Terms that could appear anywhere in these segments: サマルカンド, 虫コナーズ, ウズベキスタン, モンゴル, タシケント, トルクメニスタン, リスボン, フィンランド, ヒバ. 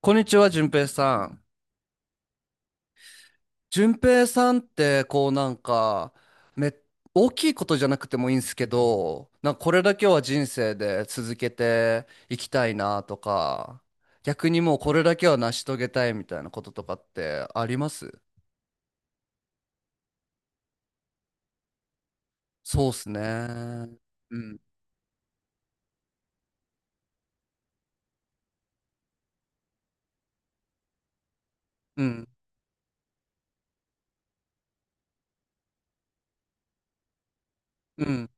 こんにちは、淳平さん。淳平さんって、こうなんか、め、大きいことじゃなくてもいいんですけど、なんかこれだけは人生で続けていきたいなとか、逆にもうこれだけは成し遂げたいみたいなこととかってあります？そうっすね。うん、うん、うん。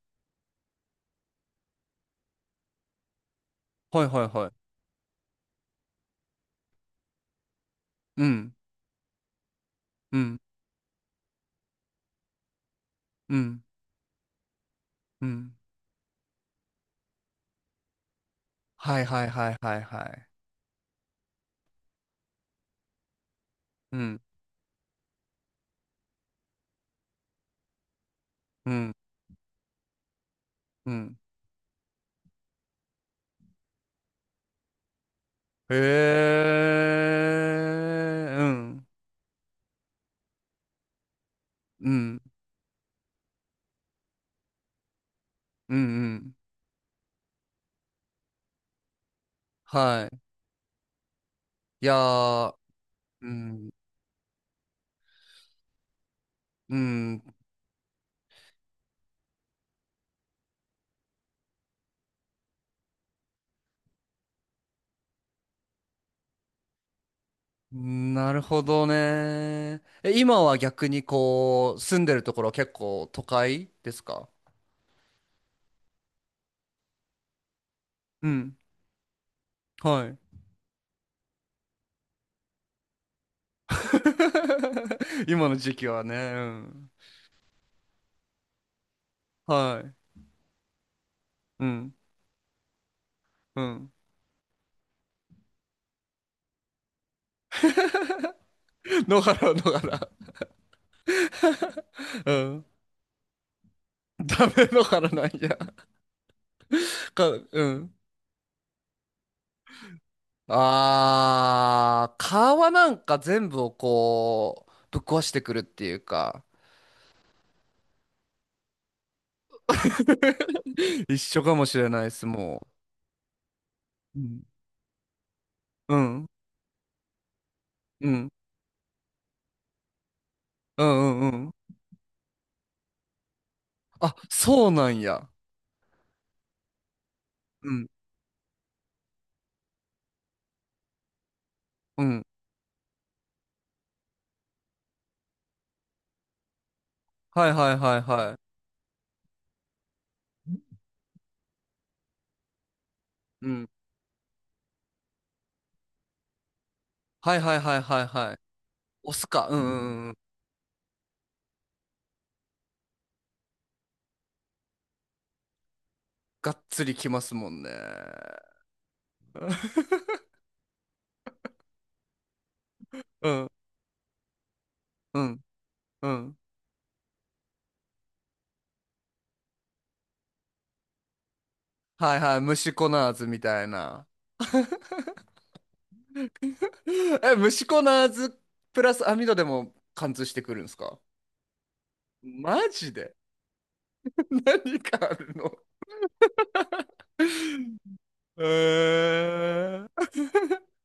はいはいはい。うん、うん、うん、うん。はいはいはいはいはい。うん、うん、うん。へえ、うん。うん、うん、うん。はい。いやー、うん、うん、なるほどね。え、今は逆にこう、住んでるところは結構都会ですか？うん、はい。今の時期はね、うん。はい。うん、うん。野原、野原。うん。ダメ野原なんや。うん。あー、川なんか全部をこう、ぶっ壊してくるっていうか。一緒かもしれないです、もう。うん。うん。うん。うんうんうん。あ、そうなんや。うん。うん。はいはいはいはい。うん。はいはいはいはいはい。押すか。うんうんうん。がっつりきますもんね。うん。うん。うん。はいはい。虫コナーズみたいな。え、虫コナーズプラス網戸でも貫通してくるんですか？マジで？ 何かあるの？えー。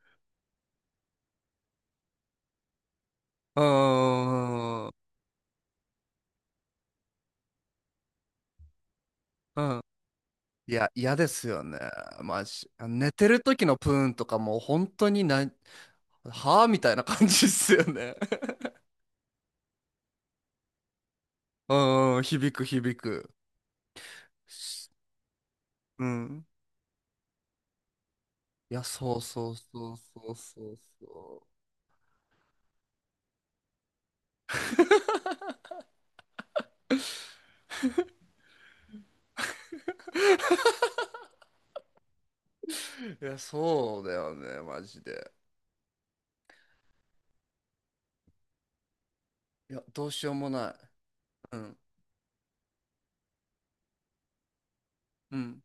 うーん。うん。いや、嫌ですよね。マジ。寝てる時のプーンとかもう本当にな、はぁみたいな感じっすよね。うん、響く響く。うん。いや、そうそうそうそうそうそう。いや、そうだよね、マジで。いや、どうしようもない。うん、うん、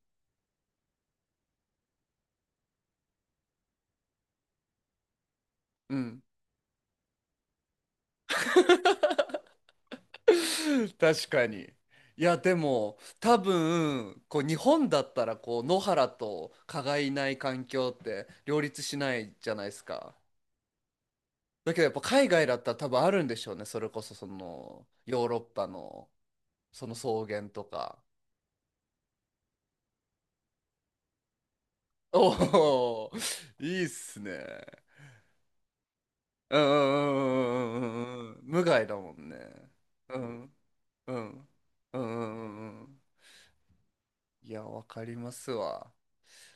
うん。確かに。いやでも多分こう日本だったらこう野原と蚊がいない環境って両立しないじゃないですか。だけどやっぱ海外だったら多分あるんでしょうね。それこそそのヨーロッパのその草原とか。おお、いいっすね。うんうんうんうんうんうんうん。無害だもんね。うんうんうんうんうんうん。いやわかりますわ。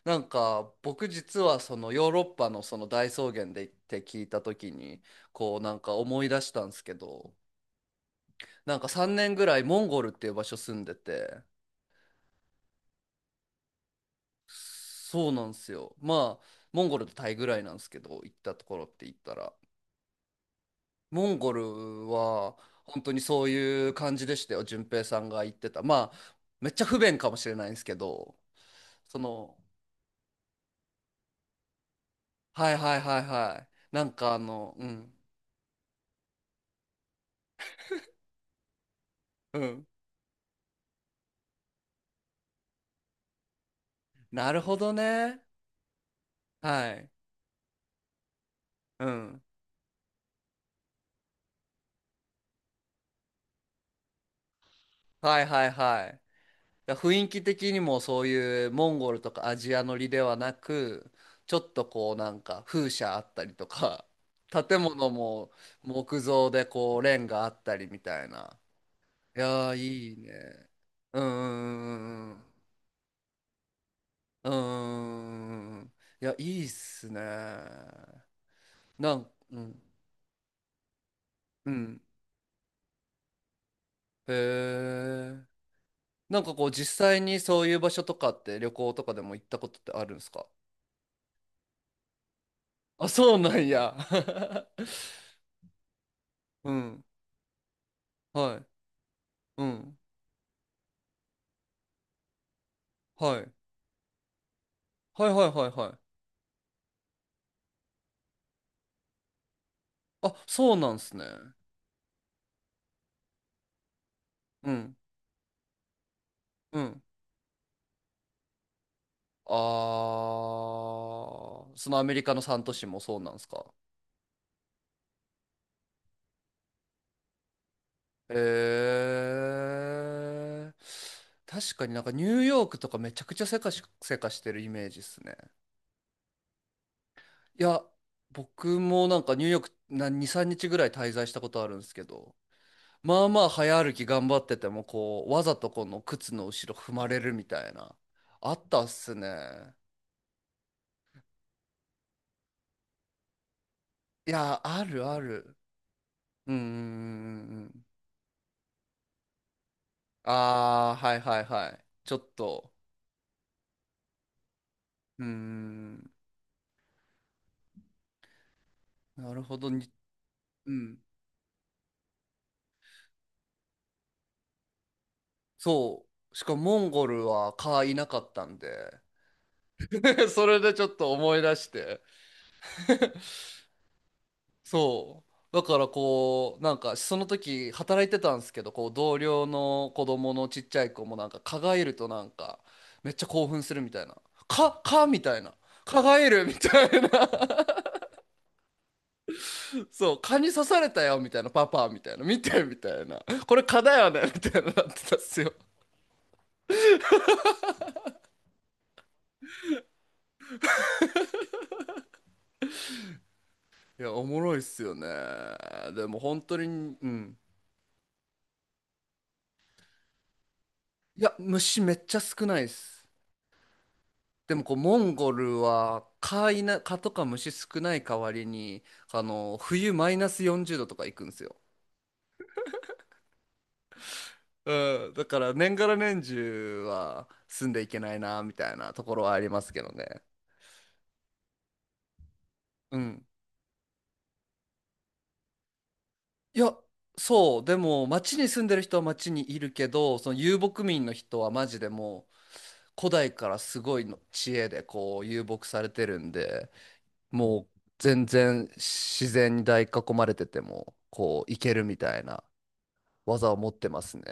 なんか僕実はそのヨーロッパのその大草原で行って聞いた時にこうなんか思い出したんですけど、なんか3年ぐらいモンゴルっていう場所住んでて、そうなんですよ、まあモンゴルとタイぐらいなんですけど行ったところって言ったら、モンゴルは本当にそういう感じでしたよ。順平さんが言ってた、まあめっちゃ不便かもしれないんですけど、その、はいはいはいはい。なんかあの、うんうん、なるほどね。はい。うん。はいはいはい。だから雰囲気的にもそういうモンゴルとかアジア乗りではなく、ちょっとこうなんか風車あったりとか、建物も木造でこうレンガあったりみたいな。いやーいいね。うんうんうんうんうんうんうんうんうんうん。いや、いいっすね。うん、うん。へえ。なんかこう実際にそういう場所とかって旅行とかでも行ったことってあるんですか？あ、そうなんや。うん。はい。うん。はい。はいはいはいはい。あ、そうなんすね。うん。うん。あー、そのアメリカの3都市もそうなんすか。へえ。確かになんかニューヨークとかめちゃくちゃせかしてるイメージっすね。いや、僕もなんかニューヨークな2、3日ぐらい滞在したことあるんですけど、まあまあ早歩き頑張っててもこうわざとこの靴の後ろ踏まれるみたいな、あったっすね。いや、あるある。うーん。ああー、はいはいはい、ちょっと。うーん、なるほどに。うん。そう、しかもモンゴルは蚊いなかったんで、 それでちょっと思い出して、そう。だからこう、なんかその時働いてたんですけど、こう同僚の子供のちっちゃい子もなんか蚊がいるとなんかめっちゃ興奮するみたいな。蚊、蚊みたいな。蚊がいるみたいな。そう、蚊に刺されたよみたいな。パパみたいな。見てみたいな。これ蚊だよねみたいななってたっすよ。いや、おもろいっすよね。でも本当に、うん。いや、虫めっちゃ少ないっす。でもこうモンゴルは蚊いな、蚊とか虫少ない代わりにあの冬マイナス40度とか行くんですよ。うん、だから年がら年中は住んでいけないなみたいなところはありますけどね。うん。いや、そう、でも町に住んでる人は町にいるけど、その遊牧民の人はマジでもう古代からすごいの知恵でこう遊牧されてるんで、もう全然自然に大囲まれててもこう行けるみたいな。技を持ってますね。